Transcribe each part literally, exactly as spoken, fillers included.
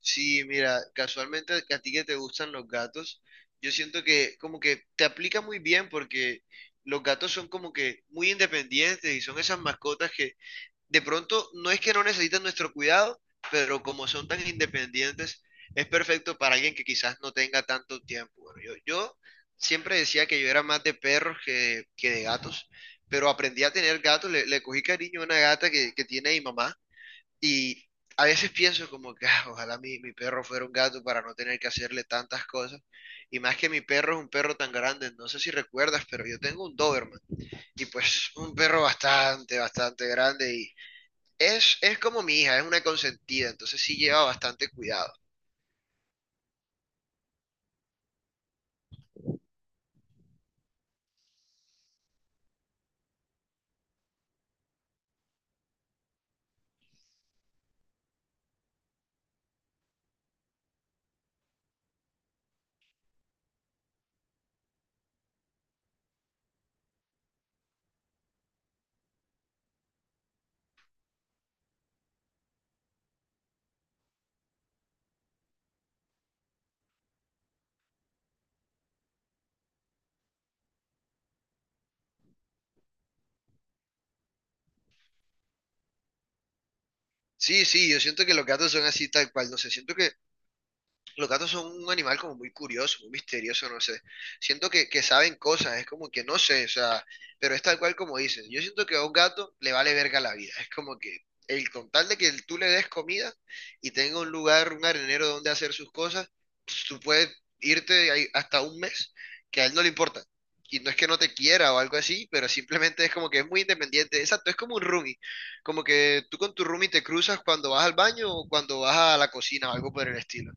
Sí, mira, casualmente a ti que te gustan los gatos, yo siento que como que te aplica muy bien porque los gatos son como que muy independientes y son esas mascotas que de pronto no es que no necesitan nuestro cuidado, pero como son tan independientes, es perfecto para alguien que quizás no tenga tanto tiempo. Bueno, yo, yo siempre decía que yo era más de perros que, que de gatos, pero aprendí a tener gatos, le, le cogí cariño a una gata que, que tiene mi mamá y a veces pienso como que "Ah, ojalá mi, mi perro fuera un gato para no tener que hacerle tantas cosas". Y más que mi perro es un perro tan grande, no sé si recuerdas, pero yo tengo un Doberman. Y pues un perro bastante, bastante grande. Y es, es como mi hija, es una consentida, entonces sí lleva bastante cuidado. Sí, sí, yo siento que los gatos son así tal cual. No sé, siento que los gatos son un animal como muy curioso, muy misterioso, no sé. Siento que, que saben cosas, es como que no sé, o sea, pero es tal cual como dices. Yo siento que a un gato le vale verga la vida. Es como que el con tal de que tú le des comida y tenga un lugar, un arenero donde hacer sus cosas, pues, tú puedes irte ahí hasta un mes, que a él no le importa. Y no es que no te quiera o algo así, pero simplemente es como que es muy independiente. Exacto, es como un roomie. Como que tú con tu roomie te cruzas cuando vas al baño o cuando vas a la cocina o algo por el estilo.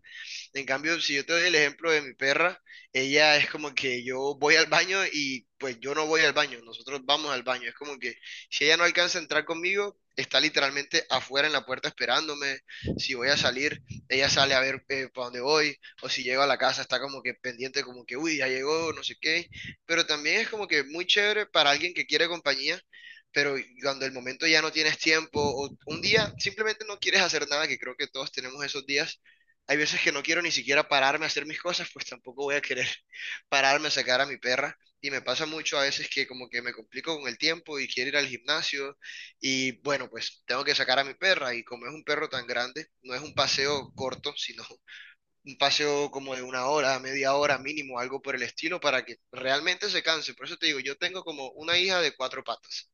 En cambio, si yo te doy el ejemplo de mi perra, ella es como que yo voy al baño y pues yo no voy al baño, nosotros vamos al baño. Es como que si ella no alcanza a entrar conmigo, está literalmente afuera en la puerta esperándome. Si voy a salir, ella sale a ver para dónde voy. O si llego a la casa, está como que pendiente, como que, uy, ya llegó, no sé qué. Pero también es como que muy chévere para alguien que quiere compañía pero cuando el momento ya no tienes tiempo o un día simplemente no quieres hacer nada, que creo que todos tenemos esos días, hay veces que no quiero ni siquiera pararme a hacer mis cosas, pues tampoco voy a querer pararme a sacar a mi perra. Y me pasa mucho a veces que como que me complico con el tiempo y quiero ir al gimnasio y bueno, pues tengo que sacar a mi perra y como es un perro tan grande, no es un paseo corto, sino un paseo como de una hora, media hora mínimo, algo por el estilo, para que realmente se canse. Por eso te digo, yo tengo como una hija de cuatro patas.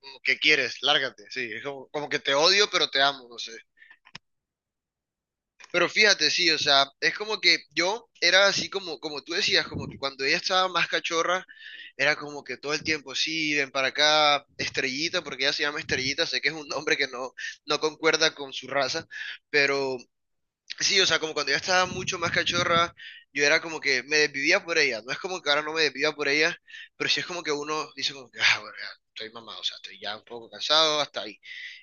Como, ¿qué quieres? Lárgate. Sí, es como, como que te odio, pero te amo, no sé. Pero fíjate, sí, o sea, es como que yo era así como, como tú decías, como que cuando ella estaba más cachorra, era como que todo el tiempo, sí, ven para acá, Estrellita, porque ella se llama Estrellita, sé que es un nombre que no, no concuerda con su raza, pero sí, o sea, como cuando ella estaba mucho más cachorra, yo era como que me desvivía por ella. No es como que ahora no me desviva por ella, pero sí es como que uno dice como que, ah, bueno, ya estoy mamado, o sea, estoy ya un poco cansado, hasta ahí.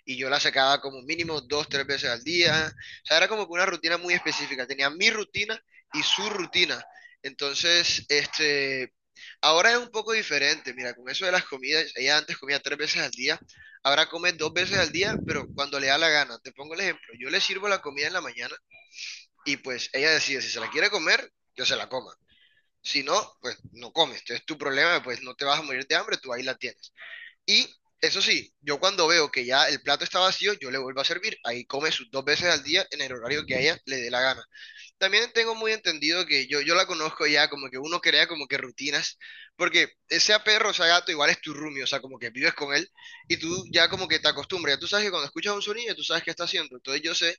Y yo la sacaba como mínimo dos, tres veces al día. O sea, era como que una rutina muy específica. Tenía mi rutina y su rutina. Entonces, este, ahora es un poco diferente. Mira, con eso de las comidas, ella antes comía tres veces al día. Ahora come dos veces al día, pero cuando le da la gana. Te pongo el ejemplo. Yo le sirvo la comida en la mañana y pues ella decide si se la quiere comer, yo se la coma. Si no, pues no comes. Entonces tu problema, pues no te vas a morir de hambre, tú ahí la tienes. Y eso sí, yo cuando veo que ya el plato está vacío, yo le vuelvo a servir. Ahí come sus dos veces al día en el horario que a ella le dé la gana. También tengo muy entendido que yo, yo la conozco ya, como que uno crea como que rutinas, porque sea perro o sea gato, igual es tu roomie, o sea, como que vives con él y tú ya como que te acostumbras, ya tú sabes que cuando escuchas un sonido, tú sabes qué está haciendo, entonces yo sé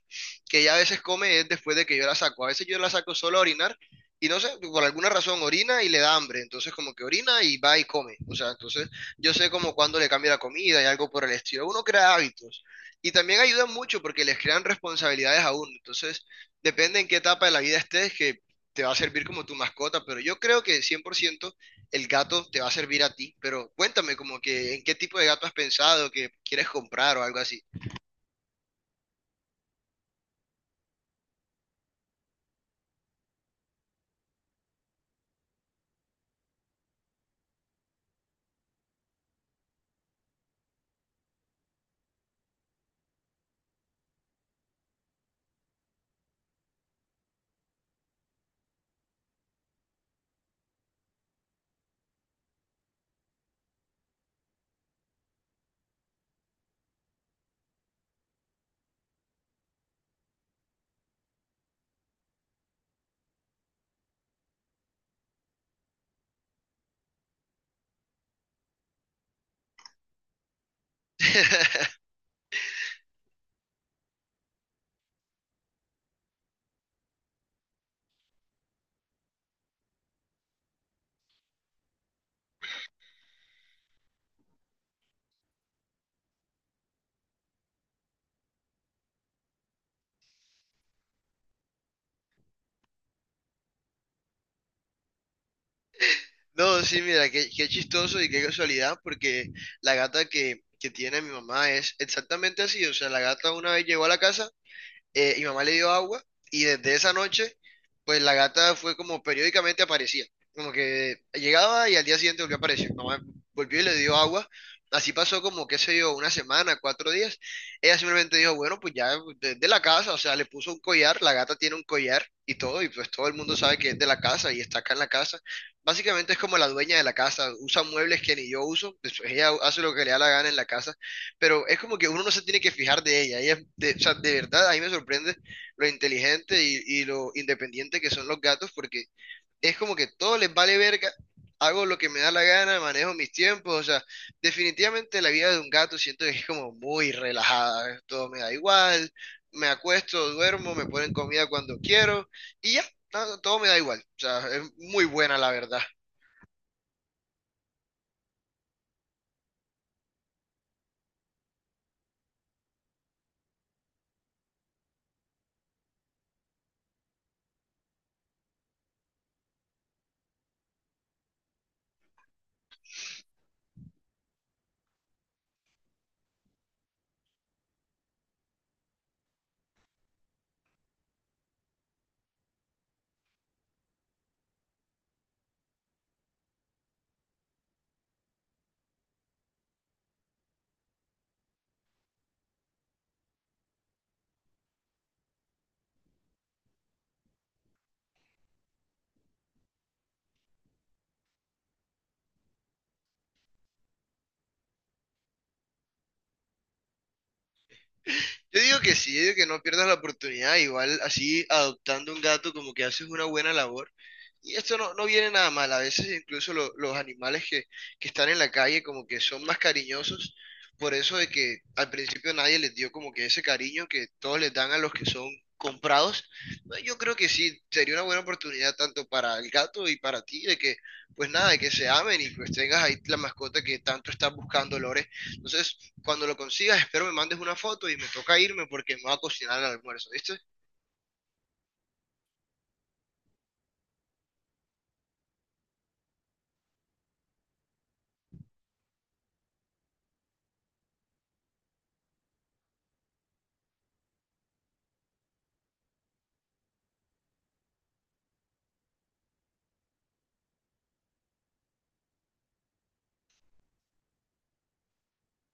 que ella a veces come es después de que yo la saco, a veces yo la saco solo a orinar y no sé, por alguna razón orina y le da hambre, entonces como que orina y va y come, o sea, entonces yo sé como cuando le cambia la comida y algo por el estilo, uno crea hábitos y también ayuda mucho porque les crean responsabilidades a uno, entonces... Depende en qué etapa de la vida estés, que te va a servir como tu mascota, pero yo creo que cien por ciento el gato te va a servir a ti, pero cuéntame como que en qué tipo de gato has pensado, que quieres comprar o algo así. No, sí, mira, qué, qué chistoso y qué casualidad, porque la gata que, que tiene mi mamá es exactamente así, o sea, la gata una vez llegó a la casa, eh, mi mamá le dio agua y desde esa noche, pues la gata fue como periódicamente aparecía. Como que llegaba y al día siguiente volvió a aparecer. Mi mamá volvió y le dio agua. Así pasó como, qué sé yo, una semana, cuatro días. Ella simplemente dijo, bueno, pues ya es de la casa, o sea, le puso un collar, la gata tiene un collar y todo, y pues todo el mundo sabe que es de la casa y está acá en la casa. Básicamente es como la dueña de la casa, usa muebles que ni yo uso, pues ella hace lo que le da la gana en la casa pero es como que uno no se tiene que fijar de ella. Ella es de, o sea, de verdad, ahí me sorprende lo inteligente y, y lo independiente que son los gatos, porque es como que todo les vale verga, hago lo que me da la gana, manejo mis tiempos, o sea, definitivamente la vida de un gato siento que es como muy relajada, ¿eh? Todo me da igual, me acuesto, duermo, me ponen comida cuando quiero y ya, no, todo me da igual, o sea, es muy buena la verdad. Yo digo que sí, yo digo que no pierdas la oportunidad, igual así adoptando un gato como que haces una buena labor. Y esto no, no viene nada mal. A veces incluso lo- los animales que, que están en la calle como que son más cariñosos por eso de que al principio nadie les dio como que ese cariño que todos les dan a los que son comprados. No, yo creo que sí, sería una buena oportunidad tanto para el gato y para ti de que, pues nada, de que se amen y pues tengas ahí la mascota que tanto estás buscando, Lore. Entonces, cuando lo consigas, espero me mandes una foto y me toca irme porque me va a cocinar el almuerzo, ¿viste?